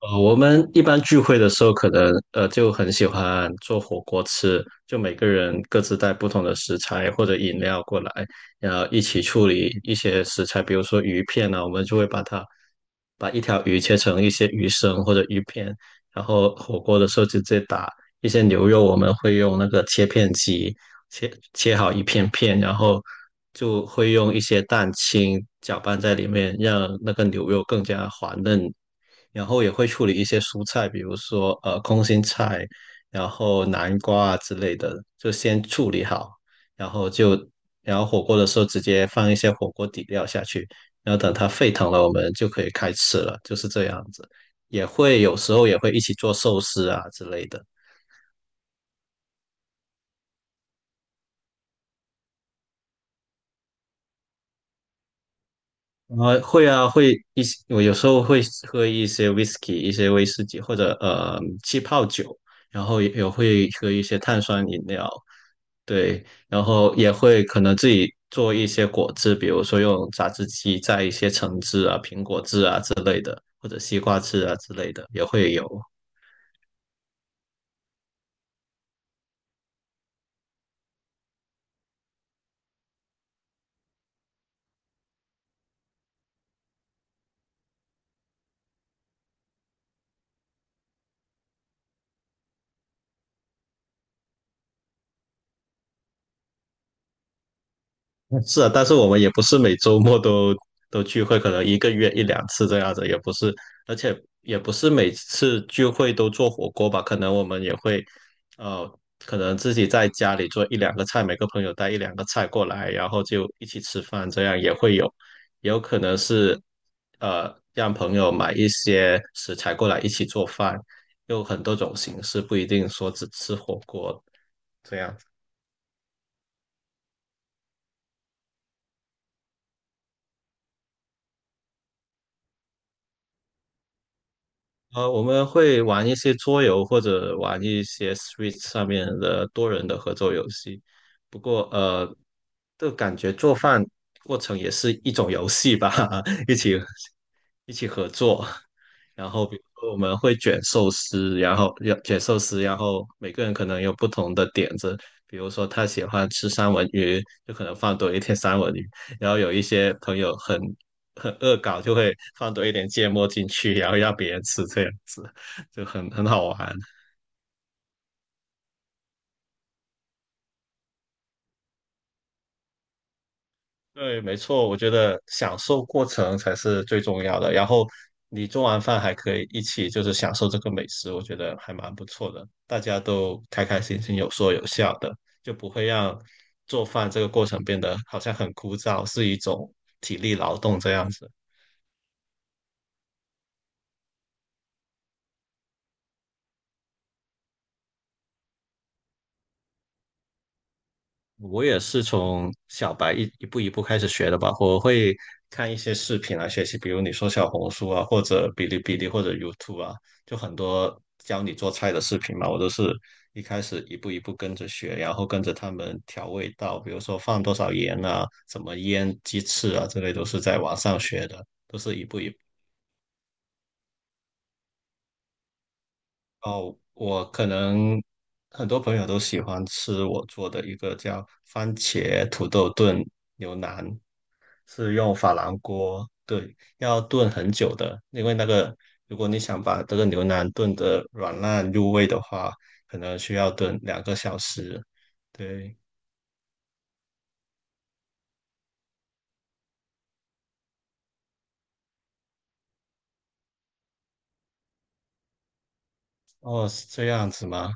我们一般聚会的时候，可能就很喜欢做火锅吃，就每个人各自带不同的食材或者饮料过来，然后一起处理一些食材，比如说鱼片啊，我们就会把它一条鱼切成一些鱼生或者鱼片，然后火锅的时候直接打一些牛肉，我们会用那个切片机切好一片片，然后就会用一些蛋清搅拌在里面，让那个牛肉更加滑嫩。然后也会处理一些蔬菜，比如说空心菜，然后南瓜啊之类的，就先处理好，然后就然后火锅的时候直接放一些火锅底料下去，然后等它沸腾了，我们就可以开吃了，就是这样子。也会有时候也会一起做寿司啊之类的，啊，会啊会一起，我有时候会喝一些 whisky，一些威士忌或者气泡酒，然后也会喝一些碳酸饮料。对，然后也会可能自己做一些果汁，比如说用榨汁机榨一些橙汁啊、苹果汁啊或者西瓜汁啊之类的，也会有。是啊，但是我们也不是每周末都聚会，可能一个月一两次这样子，也不是，而且也不是每次聚会都做火锅吧，可能我们也会，呃，可能自己在家里做一两个菜，每个朋友带一两个菜过来，然后就一起吃饭，这样也会有，也有可能是，让朋友买一些食材过来一起做饭，有很多种形式，不一定说只吃火锅这样。我们会玩一些桌游或者玩一些 Switch 上面的多人的合作游戏。不过，就感觉做饭过程也是一种游戏吧，一起一起合作。然后比如说我们会卷寿司，然后要卷寿司，然后每个人可能有不同的点子，比如说他喜欢吃三文鱼，就可能放多一点三文鱼，然后有一些朋友很恶搞，就会放多一点芥末进去，然后让别人吃，这样子就很好玩。对，没错，我觉得享受过程才是最重要的。然后你做完饭还可以一起就是享受这个美食，我觉得还蛮不错的。大家都开开心心，有说有笑的，就不会让做饭这个过程变得好像很枯燥，是一种体力劳动这样子。我也是从小白一步一步开始学的吧。我会看一些视频来学习，比如你说小红书啊，或者哔哩哔哩或者 YouTube 啊，就很多教你做菜的视频嘛。我都是一开始一步一步跟着学，然后跟着他们调味道，比如说放多少盐啊，怎么腌鸡翅啊，这类都是在网上学的，都是一步一步。哦，我可能很多朋友都喜欢吃我做的一个叫番茄土豆炖牛腩，是用珐琅锅，对，要炖很久的，因为那个如果你想把这个牛腩炖得软烂入味的话，可能需要炖2个小时。对，哦，是这样子吗？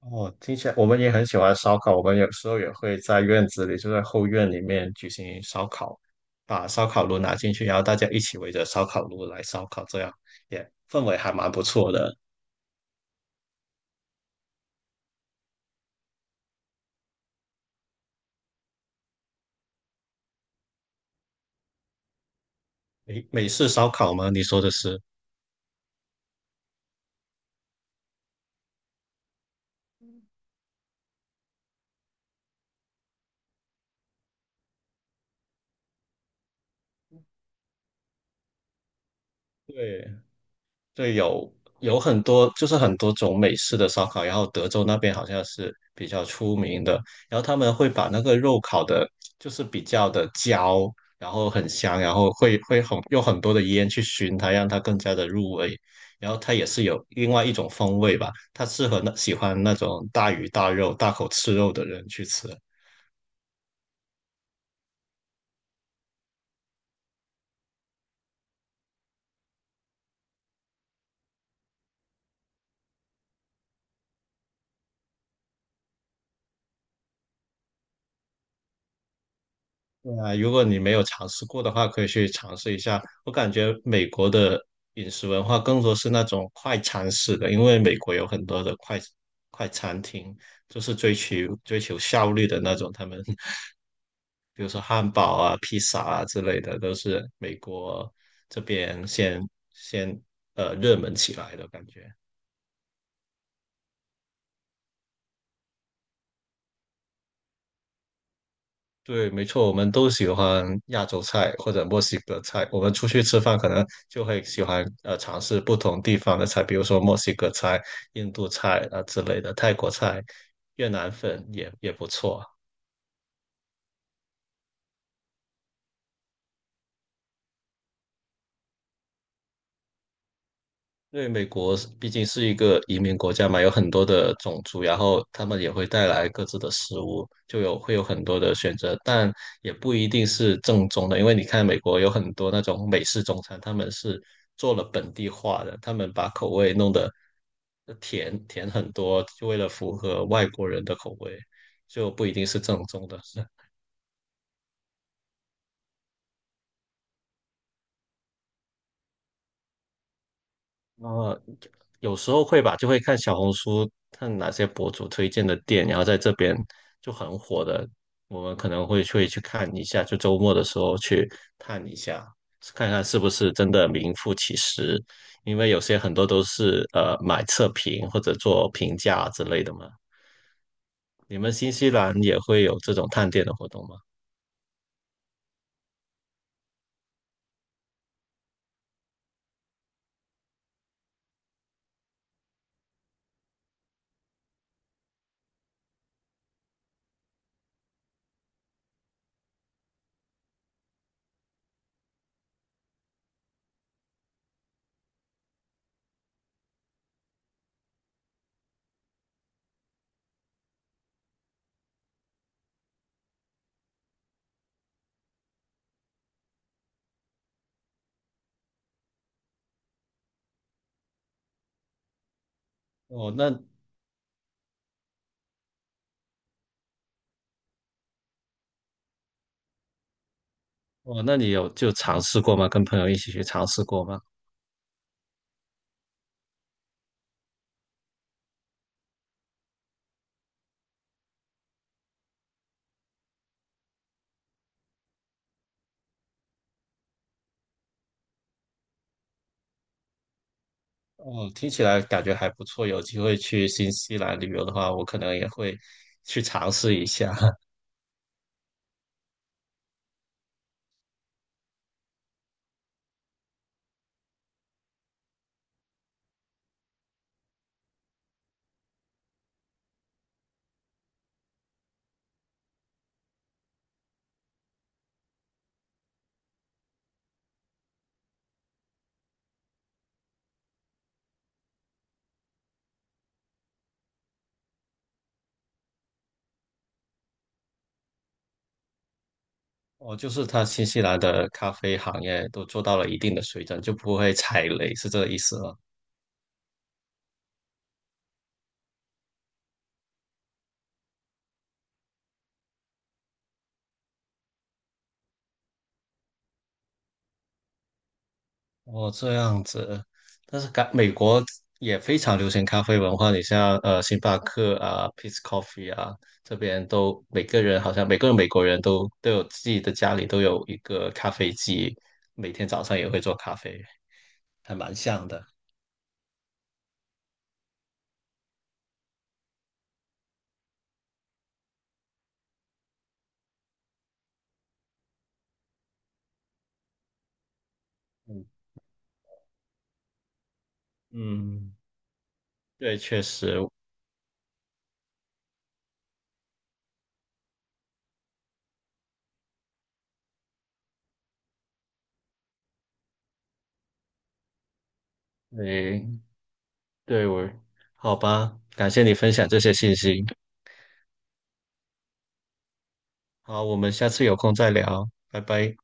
哦，听起来我们也很喜欢烧烤，我们有时候也会在院子里，就在后院里面举行烧烤，把烧烤炉拿进去，然后大家一起围着烧烤炉来烧烤，这样也氛围还蛮不错的。美式烧烤吗？你说的是？对，对，有很多，就是很多种美式的烧烤，然后德州那边好像是比较出名的，然后他们会把那个肉烤的，就是比较的焦，然后很香，然后会很用很多的烟去熏它，让它更加的入味，然后它也是有另外一种风味吧，它适合那喜欢那种大鱼大肉、大口吃肉的人去吃。对啊，如果你没有尝试过的话，可以去尝试一下。我感觉美国的饮食文化更多是那种快餐式的，因为美国有很多的快餐厅，就是追求效率的那种。他们 比如说汉堡啊、披萨啊之类的，都是美国这边先热门起来的感觉。对，没错，我们都喜欢亚洲菜或者墨西哥菜。我们出去吃饭可能就会喜欢尝试不同地方的菜，比如说墨西哥菜、印度菜啊、之类的，泰国菜、越南粉也不错。因为美国是毕竟是一个移民国家嘛，有很多的种族，然后他们也会带来各自的食物，就有会有很多的选择，但也不一定是正宗的，因为你看美国有很多那种美式中餐，他们是做了本地化的，他们把口味弄得甜甜很多，就为了符合外国人的口味，就不一定是正宗的。呃，有时候会吧，就会看小红书，看哪些博主推荐的店，然后在这边就很火的，我们可能会去看一下，就周末的时候去探一下，看看是不是真的名副其实，因为有些很多都是买测评或者做评价之类的嘛。你们新西兰也会有这种探店的活动吗？哦，那哦，那你有就尝试过吗？跟朋友一起去尝试过吗？哦，听起来感觉还不错。有机会去新西兰旅游的话，我可能也会去尝试一下。哦，就是它新西兰的咖啡行业都做到了一定的水准，就不会踩雷，是这个意思吗？哦，这样子。但是感美国也非常流行咖啡文化，你像星巴克啊、Peet's Coffee 啊，这边都每个人好像每个美国人都有自己的家里都有一个咖啡机，每天早上也会做咖啡，还蛮像的。嗯。嗯，对，确实，诶，对我，好吧，感谢你分享这些信息。好，我们下次有空再聊，拜拜。